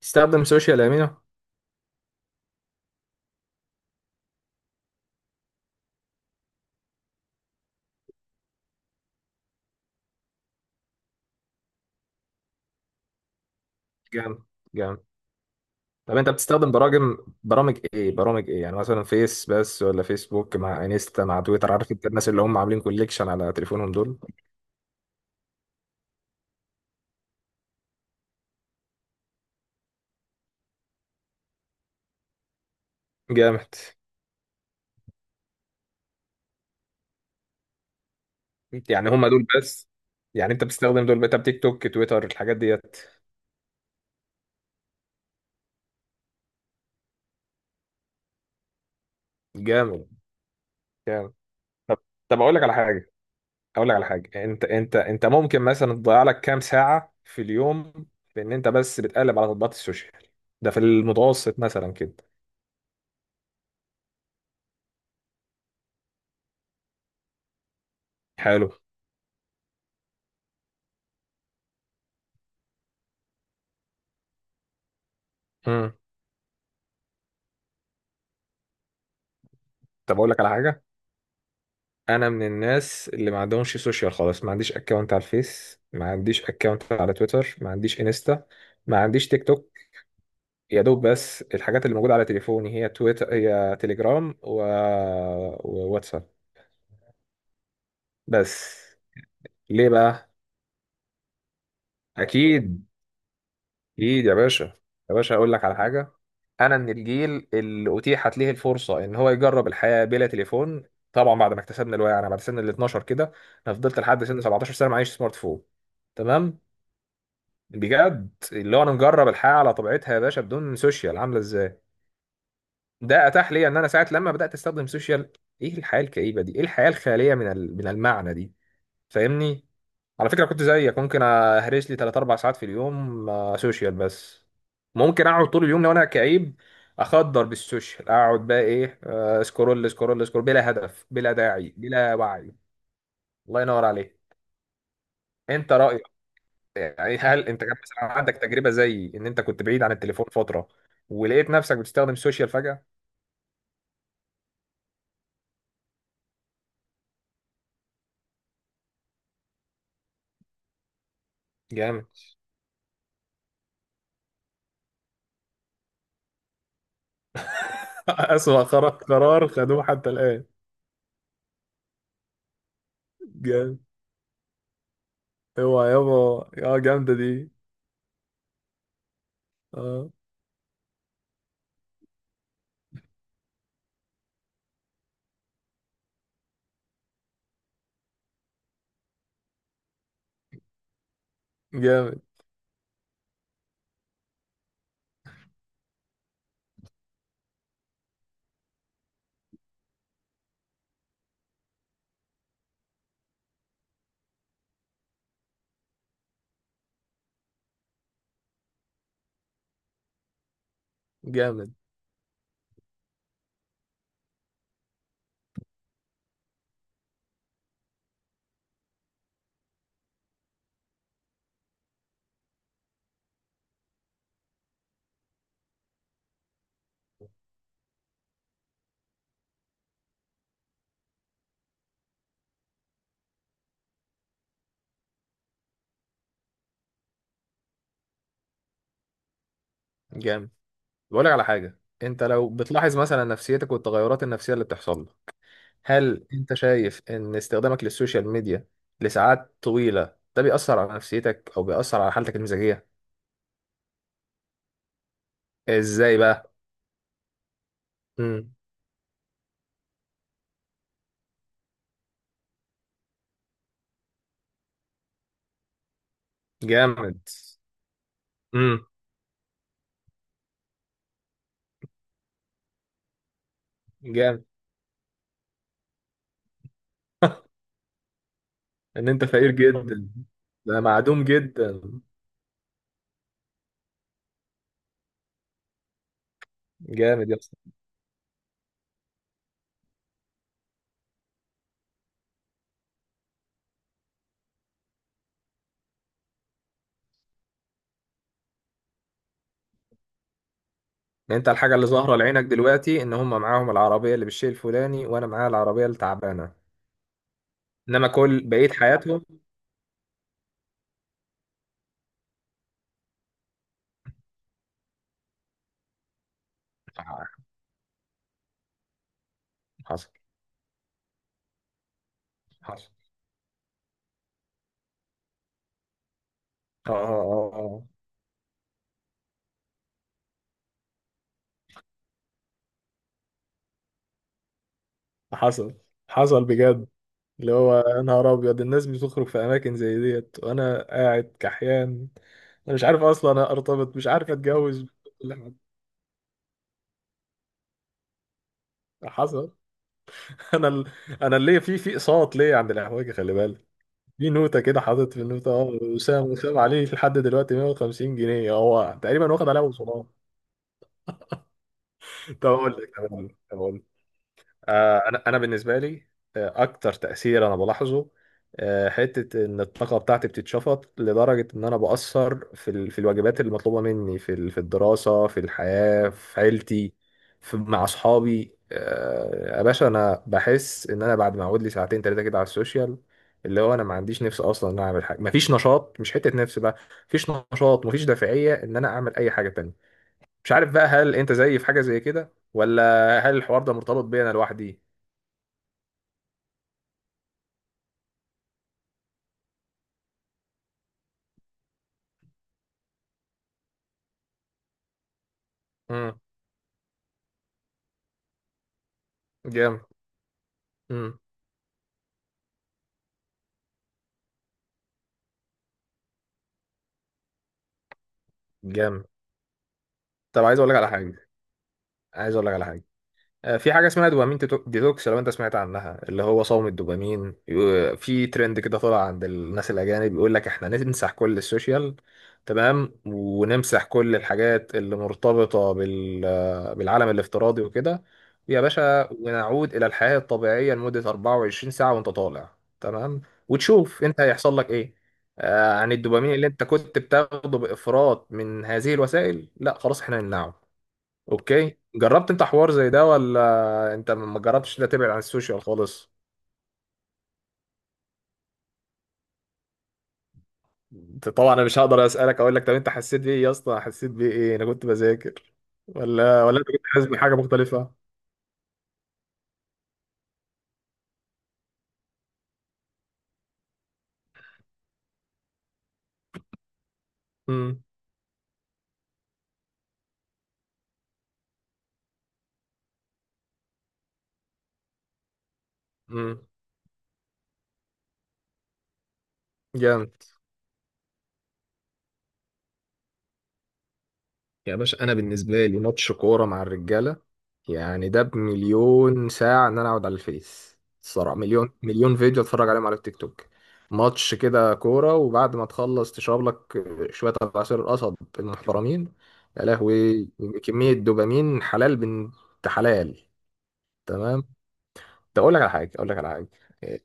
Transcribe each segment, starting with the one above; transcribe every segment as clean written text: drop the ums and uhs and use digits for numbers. تستخدم سوشيال امينو؟ جامد، جامد. طب انت بتستخدم برامج؟ برامج ايه، برامج ايه يعني، مثلا فيس بس، ولا فيسبوك مع انستا مع تويتر؟ عارف انت الناس اللي هم عاملين كوليكشن على تليفونهم دول؟ جامد. يعني هم دول بس؟ يعني انت بتستخدم دول بقى، تيك توك، تويتر، الحاجات ديت؟ جامد، جامد. طب طب اقول لك على حاجه، اقول لك على حاجه. انت ممكن مثلا تضيع لك كام ساعه في اليوم، بان انت بس بتقلب على تطبيقات السوشيال؟ ده في المتوسط مثلا كده. حلو. امم. طب اقول لك على حاجه. انا من الناس اللي ما عندهمش سوشيال خالص، ما عنديش اكونت على الفيس، ما عنديش اكونت على تويتر، ما عنديش انستا، ما عنديش تيك توك. يا دوب بس الحاجات اللي موجودة على تليفوني هي تويتر، هي تليجرام، وواتساب بس. ليه بقى؟ اكيد، اكيد يا باشا. يا باشا اقول لك على حاجة، انا من الجيل اللي اتيحت ليه الفرصة ان هو يجرب الحياة بلا تليفون. طبعا بعد ما اكتسبنا الوعي، انا بعد سن ال 12 كده، انا فضلت لحد سن 17 سنة معيش سمارت فون. تمام؟ بجد اللي هو انا مجرب الحياه على طبيعتها يا باشا بدون سوشيال عامله ازاي. ده اتاح لي ان انا ساعه لما بدات استخدم سوشيال، ايه الحياه الكئيبه دي! ايه الحياه الخاليه من من المعنى دي! فاهمني؟ على فكره كنت زيك، ممكن اهرس لي 3 4 ساعات في اليوم سوشيال بس. ممكن اقعد طول اليوم لو انا كئيب اخدر بالسوشيال، اقعد بقى ايه، سكرول سكرول سكرول، بلا هدف بلا داعي بلا وعي. الله ينور عليك. انت رايك؟ يعني هل انت كان مثلا عندك تجربه زي ان انت كنت بعيد عن التليفون فتره ولقيت نفسك بتستخدم السوشيال فجاه؟ جامد. أسوأ قرار خدوه حتى الآن. جامد، اوعى يابا. اه، جامدة دي. اه. جامد. جامد. جامد. بقول لك على حاجه، انت لو بتلاحظ مثلا نفسيتك والتغيرات النفسيه اللي بتحصل لك، هل انت شايف ان استخدامك للسوشيال ميديا لساعات طويله ده بيأثر على نفسيتك او بيأثر على حالتك المزاجيه؟ ازاي بقى؟ امم. جامد. جامد. ان انت فقير جدا، ده معدوم جدا. جامد يا اسطى. يعني انت الحاجه اللي ظاهره لعينك دلوقتي ان هم معاهم العربيه اللي بالشيء الفلاني وانا معايا العربيه التعبانه، انما كل بقيه حياتهم. حصل. حصل. اه، اه، اه. حصل، حصل بجد، اللي هو يا نهار ابيض، الناس بتخرج في اماكن زي ديت وانا قاعد كحيان. انا مش عارف اصلا ارتبط، مش عارف اتجوز. لا، حصل. انا ال... انا اللي في اقساط ليه عند الاحواجي، خلي بالك. في نوتة كده، حاطط في النوتة، اه، وسام عليه لحد دلوقتي 150 جنيه هو تقريبا، واخد عليها وصولات. طب اقول لك، طب اقول لك. انا بالنسبه لي، اكتر تاثير انا بلاحظه، حته ان الطاقه بتاعتي بتتشفط لدرجه ان انا باثر في في الواجبات المطلوبه مني، في في الدراسه، في الحياه، في عيلتي، في مع اصحابي. يا باشا، انا بحس ان انا بعد ما اقعد لي ساعتين ثلاثه كده على السوشيال، اللي هو انا ما عنديش نفس اصلا ان انا اعمل حاجه، مفيش نشاط، مش حته نفس بقى، مفيش نشاط، مفيش دافعيه ان انا اعمل اي حاجه تانية. مش عارف بقى، هل انت زيي في حاجه زي كده ولا هل الحوار ده مرتبط بيا انا لوحدي؟ امم. جامد. امم. جامد. طب عايز اقول لك على حاجه، عايز اقول لك على حاجه. في حاجة اسمها دوبامين ديتوكس، لو انت سمعت عنها، اللي هو صوم الدوبامين، في ترند كده طلع عند الناس الأجانب، بيقول لك احنا نمسح كل السوشيال، تمام، ونمسح كل الحاجات اللي مرتبطة بالعالم الافتراضي وكده، يا باشا، ونعود إلى الحياة الطبيعية لمدة 24 ساعة وانت طالع. تمام؟ وتشوف انت هيحصل لك ايه عن الدوبامين اللي انت كنت بتاخده بإفراط من هذه الوسائل، لا، خلاص احنا نمنعه. اوكي، جربت انت حوار زي ده ولا انت ما جربتش ده، تبعد عن السوشيال خالص؟ انت طبعا انا مش هقدر اسالك اقول لك طب انت حسيت بايه يا اسطى، حسيت بايه، انا كنت بذاكر ولا انت كنت حاسس بحاجه مختلفه؟ امم. امم. جامد. يا باشا انا بالنسبه لي ماتش كوره مع الرجاله، يعني ده بمليون ساعه ان انا اقعد على الفيس، الصراحه مليون مليون فيديو اتفرج عليهم على التيك توك. ماتش كده كوره، وبعد ما تخلص تشرب لك شويه عصير القصب المحترمين، يا لهوي، كميه دوبامين حلال بنت حلال. تمام. طب اقول لك على حاجه، اقول لك على حاجه. يعني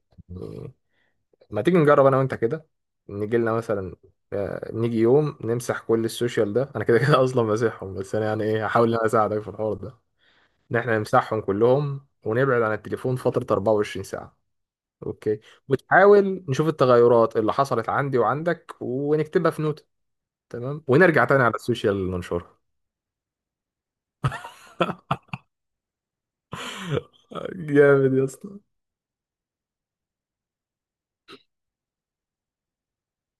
ما تيجي نجرب انا وانت كده، نيجي لنا مثلا، نيجي يوم نمسح كل السوشيال ده، انا كده كده اصلا ماسحهم، بس انا يعني ايه، هحاول ان انا اساعدك في الحوار ده، ان احنا نمسحهم كلهم ونبعد عن التليفون فترة 24 ساعة. اوكي، وتحاول نشوف التغيرات اللي حصلت عندي وعندك ونكتبها في نوتة، تمام، ونرجع تاني على السوشيال ننشرها. جامد يا اسطى.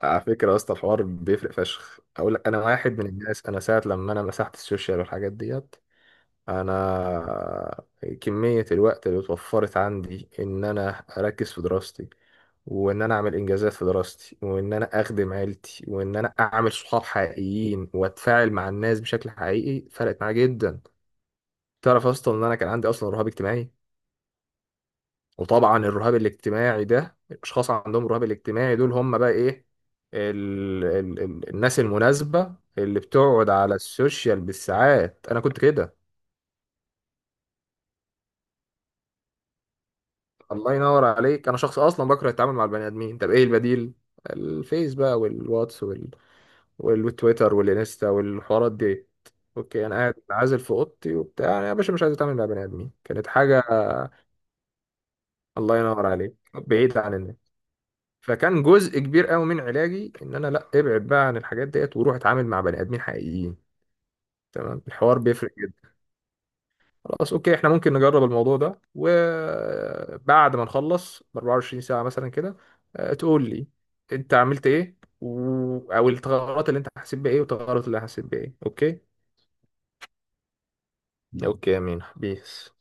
على فكرة يا اسطى، الحوار بيفرق فشخ، اقول لك، انا واحد من الناس، انا ساعة لما انا مسحت السوشيال والحاجات ديت، انا كمية الوقت اللي اتوفرت عندي ان انا اركز في دراستي وان انا اعمل انجازات في دراستي وان انا اخدم عيلتي وان انا اعمل صحاب حقيقيين واتفاعل مع الناس بشكل حقيقي، فرقت معايا جدا. تعرف اصلا ان انا كان عندي اصلا رهاب اجتماعي؟ وطبعا الرهاب الاجتماعي ده، الاشخاص عندهم الرهاب الاجتماعي دول هم بقى ايه، ال ال ال الناس المناسبة اللي بتقعد على السوشيال بالساعات. انا كنت كده. الله ينور عليك. انا شخص اصلا بكره التعامل مع البني ادمين. طب ايه البديل؟ الفيس بقى والواتس والتويتر والانستا والحوارات دي. اوكي، انا قاعد عازل في اوضتي وبتاع، انا يا باشا مش عايز اتعامل مع بني ادمين، كانت حاجه. الله ينور عليك، بعيد عن الناس. فكان جزء كبير قوي من علاجي ان انا لا ابعد بقى عن الحاجات ديت وروح اتعامل مع بني ادمين حقيقيين. تمام، الحوار بيفرق. خلاص اوكي، احنا ممكن نجرب الموضوع ده وبعد ما نخلص ب 24 ساعة مثلا كده، تقول لي انت عملت ايه، و... او التغيرات اللي انت حسيت بايه والتغيرات اللي أنا حسيت بايه. اوكي. اوكي يا مين بيس.